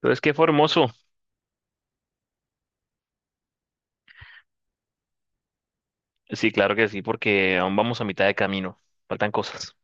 Entonces, qué formoso. Sí, claro que sí, porque aún vamos a mitad de camino. Faltan cosas.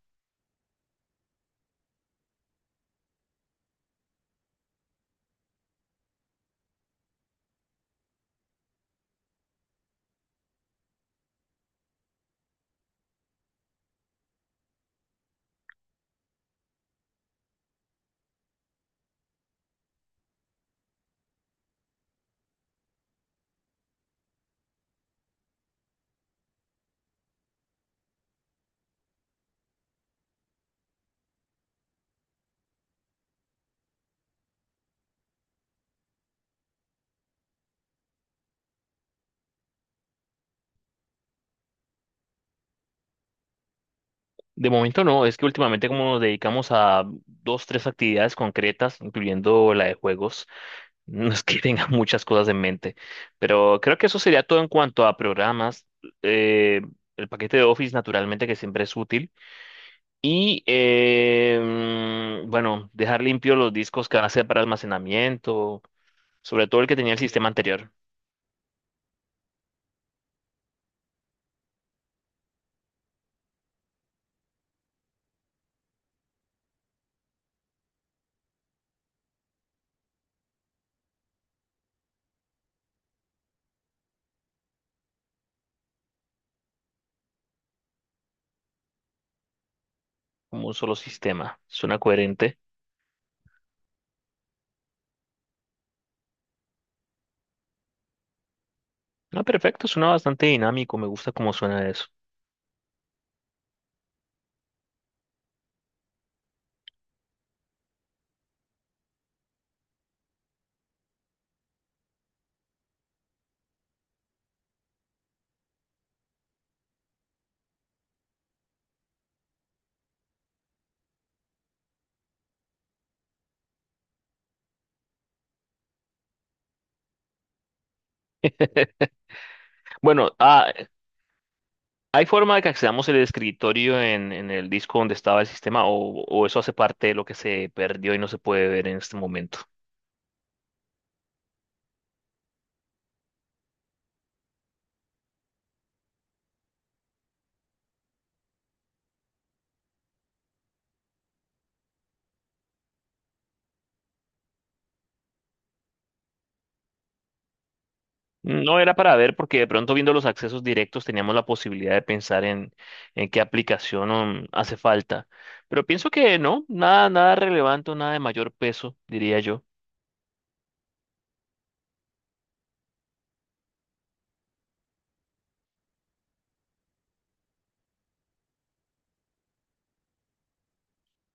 De momento no, es que últimamente como nos dedicamos a dos, tres actividades concretas, incluyendo la de juegos, no es que tenga muchas cosas en mente. Pero creo que eso sería todo en cuanto a programas. eh, el paquete de Office, naturalmente, que siempre es útil. Y, eh, bueno, dejar limpios los discos que van a ser para almacenamiento, sobre todo el que tenía el sistema anterior, como un solo sistema. Suena coherente. Ah, perfecto, suena bastante dinámico, me gusta cómo suena eso. Bueno, ah, ¿hay forma de que accedamos el escritorio en el disco donde estaba el sistema o eso hace parte de lo que se perdió y no se puede ver en este momento? No era para ver porque de pronto viendo los accesos directos teníamos la posibilidad de pensar en qué aplicación hace falta. Pero pienso que no, nada, nada relevante, nada de mayor peso, diría yo,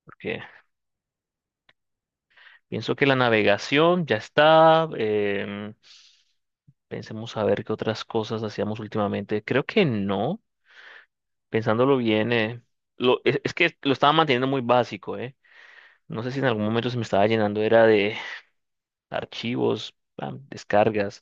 porque pienso que la navegación ya está. Pensemos a ver qué otras cosas hacíamos últimamente. Creo que no, pensándolo bien, es que lo estaba manteniendo muy básico, ¿eh? No sé si en algún momento se me estaba llenando, era de archivos, pam, descargas.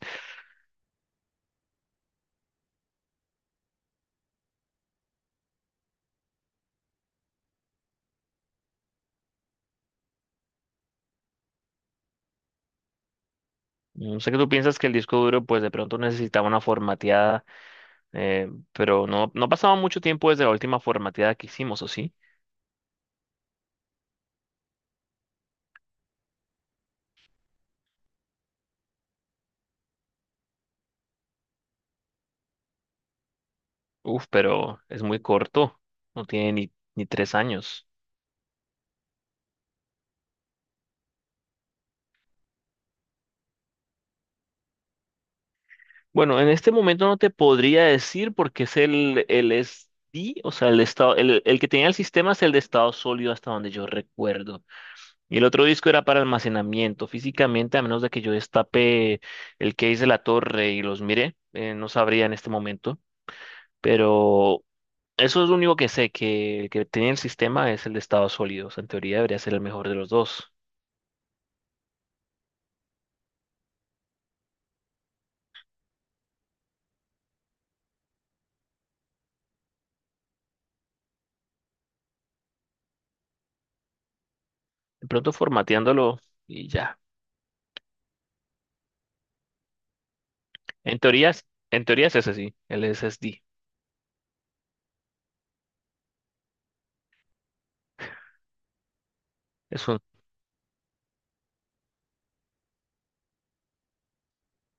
No sé que tú piensas que el disco duro, pues de pronto necesitaba una formateada, pero no, no pasaba mucho tiempo desde la última formateada que hicimos, ¿o sí? Uf, pero es muy corto, no tiene ni tres años. Bueno, en este momento no te podría decir porque es el SD, o sea, el estado, el que tenía el sistema es el de estado sólido hasta donde yo recuerdo. Y el otro disco era para almacenamiento. Físicamente, a menos de que yo destape el case de la torre y los mire, no sabría en este momento. Pero eso es lo único que sé, que el que tenía el sistema es el de estado sólido. O sea, en teoría debería ser el mejor de los dos. De pronto formateándolo y ya. En teoría, es- en teoría es ese sí, el SSD.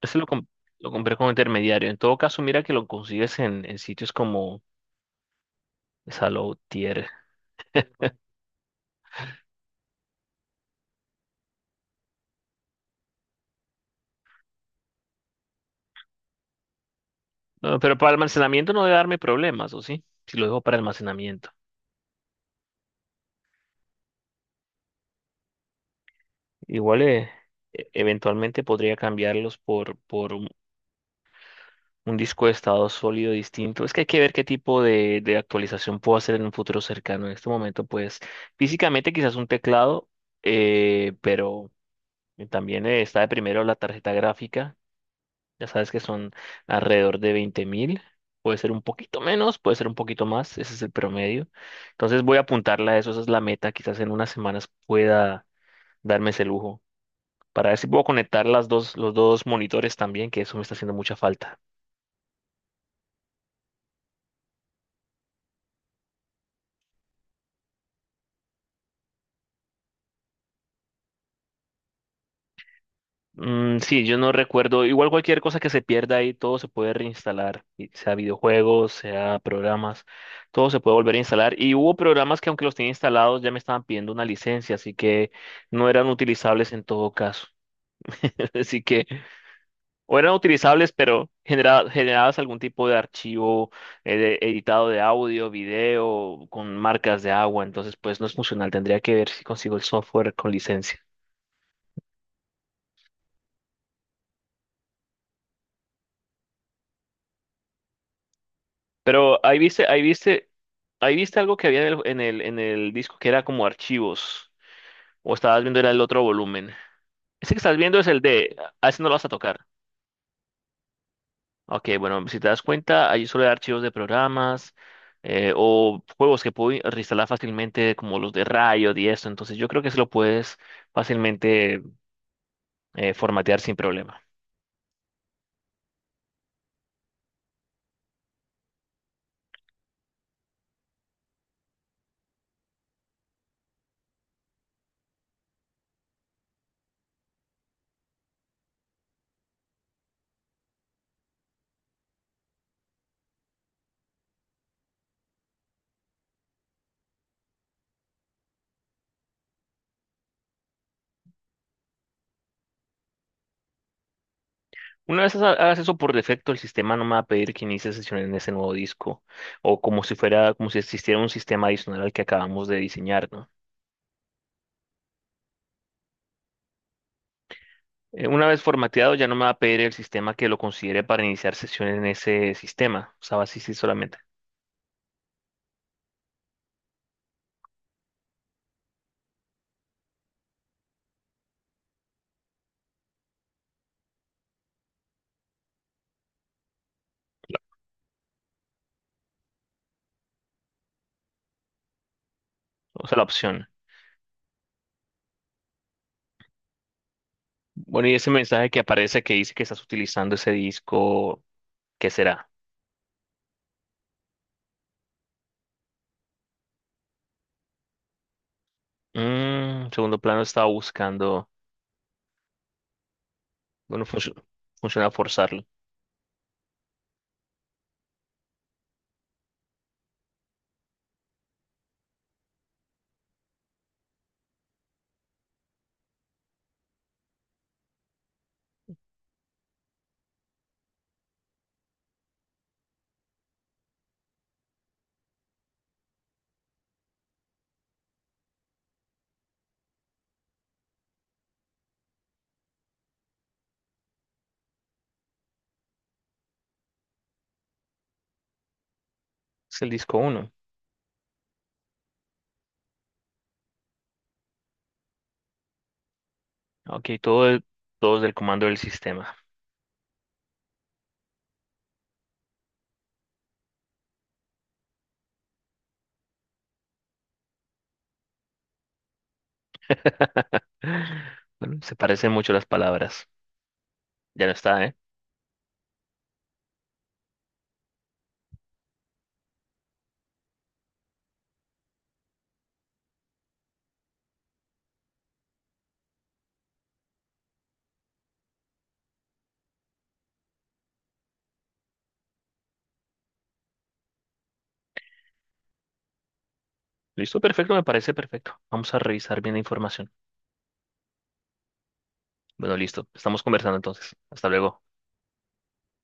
Ese lo, com- lo compré como intermediario. En todo caso, mira que lo consigues en sitios como Salotier. No, pero para almacenamiento no debe darme problemas, ¿o sí? Si lo dejo para almacenamiento. Igual e- eventualmente podría cambiarlos por un disco de estado sólido distinto. Es que hay que ver qué tipo de actualización puedo hacer en un futuro cercano. En este momento, pues físicamente quizás un teclado, pero también está de primero la tarjeta gráfica. Ya sabes que son alrededor de 20 mil. Puede ser un poquito menos, puede ser un poquito más. Ese es el promedio. Entonces voy a apuntarla a eso. Esa es la meta. Quizás en unas semanas pueda darme ese lujo. Para ver si puedo conectar los dos monitores también, que eso me está haciendo mucha falta. Mm, sí, yo no recuerdo. Igual cualquier cosa que se pierda ahí, todo se puede reinstalar. Y sea videojuegos, sea programas, todo se puede volver a instalar. Y hubo programas que aunque los tenía instalados ya me estaban pidiendo una licencia, así que no eran utilizables en todo caso. Así que, o eran utilizables, pero generabas algún tipo de archivo editado de audio, video, con marcas de agua. Entonces, pues no es funcional. Tendría que ver si consigo el software con licencia. Pero ahí viste, ahí viste, ahí viste algo que había en el disco que era como archivos. O estabas viendo era el otro volumen. Ese que estás viendo es el D. A ese no lo vas a tocar. Ok, bueno, si te das cuenta, ahí suele haber archivos de programas o juegos que puedo reinstalar fácilmente, como los de Riot y esto. Entonces, yo creo que se lo puedes fácilmente, formatear sin problema. Hagas eso por defecto, el sistema no me va a pedir que inicie sesión en ese nuevo disco o como si fuera, como si existiera un sistema adicional al que acabamos de diseñar, ¿no? Una vez formateado, ya no me va a pedir el sistema que lo considere para iniciar sesión en ese sistema. O sea, va a existir solamente, o sea, la opción. Bueno, y ese mensaje que aparece que dice que estás utilizando ese disco, ¿qué será? Mm, segundo plano estaba buscando. Bueno, funciona forzarlo. Es el disco uno. Ok, todo es del comando del sistema. Bueno, se parecen mucho las palabras. Ya no está, ¿eh? Listo, perfecto, me parece perfecto. Vamos a revisar bien la información. Bueno, listo. Estamos conversando entonces. Hasta luego.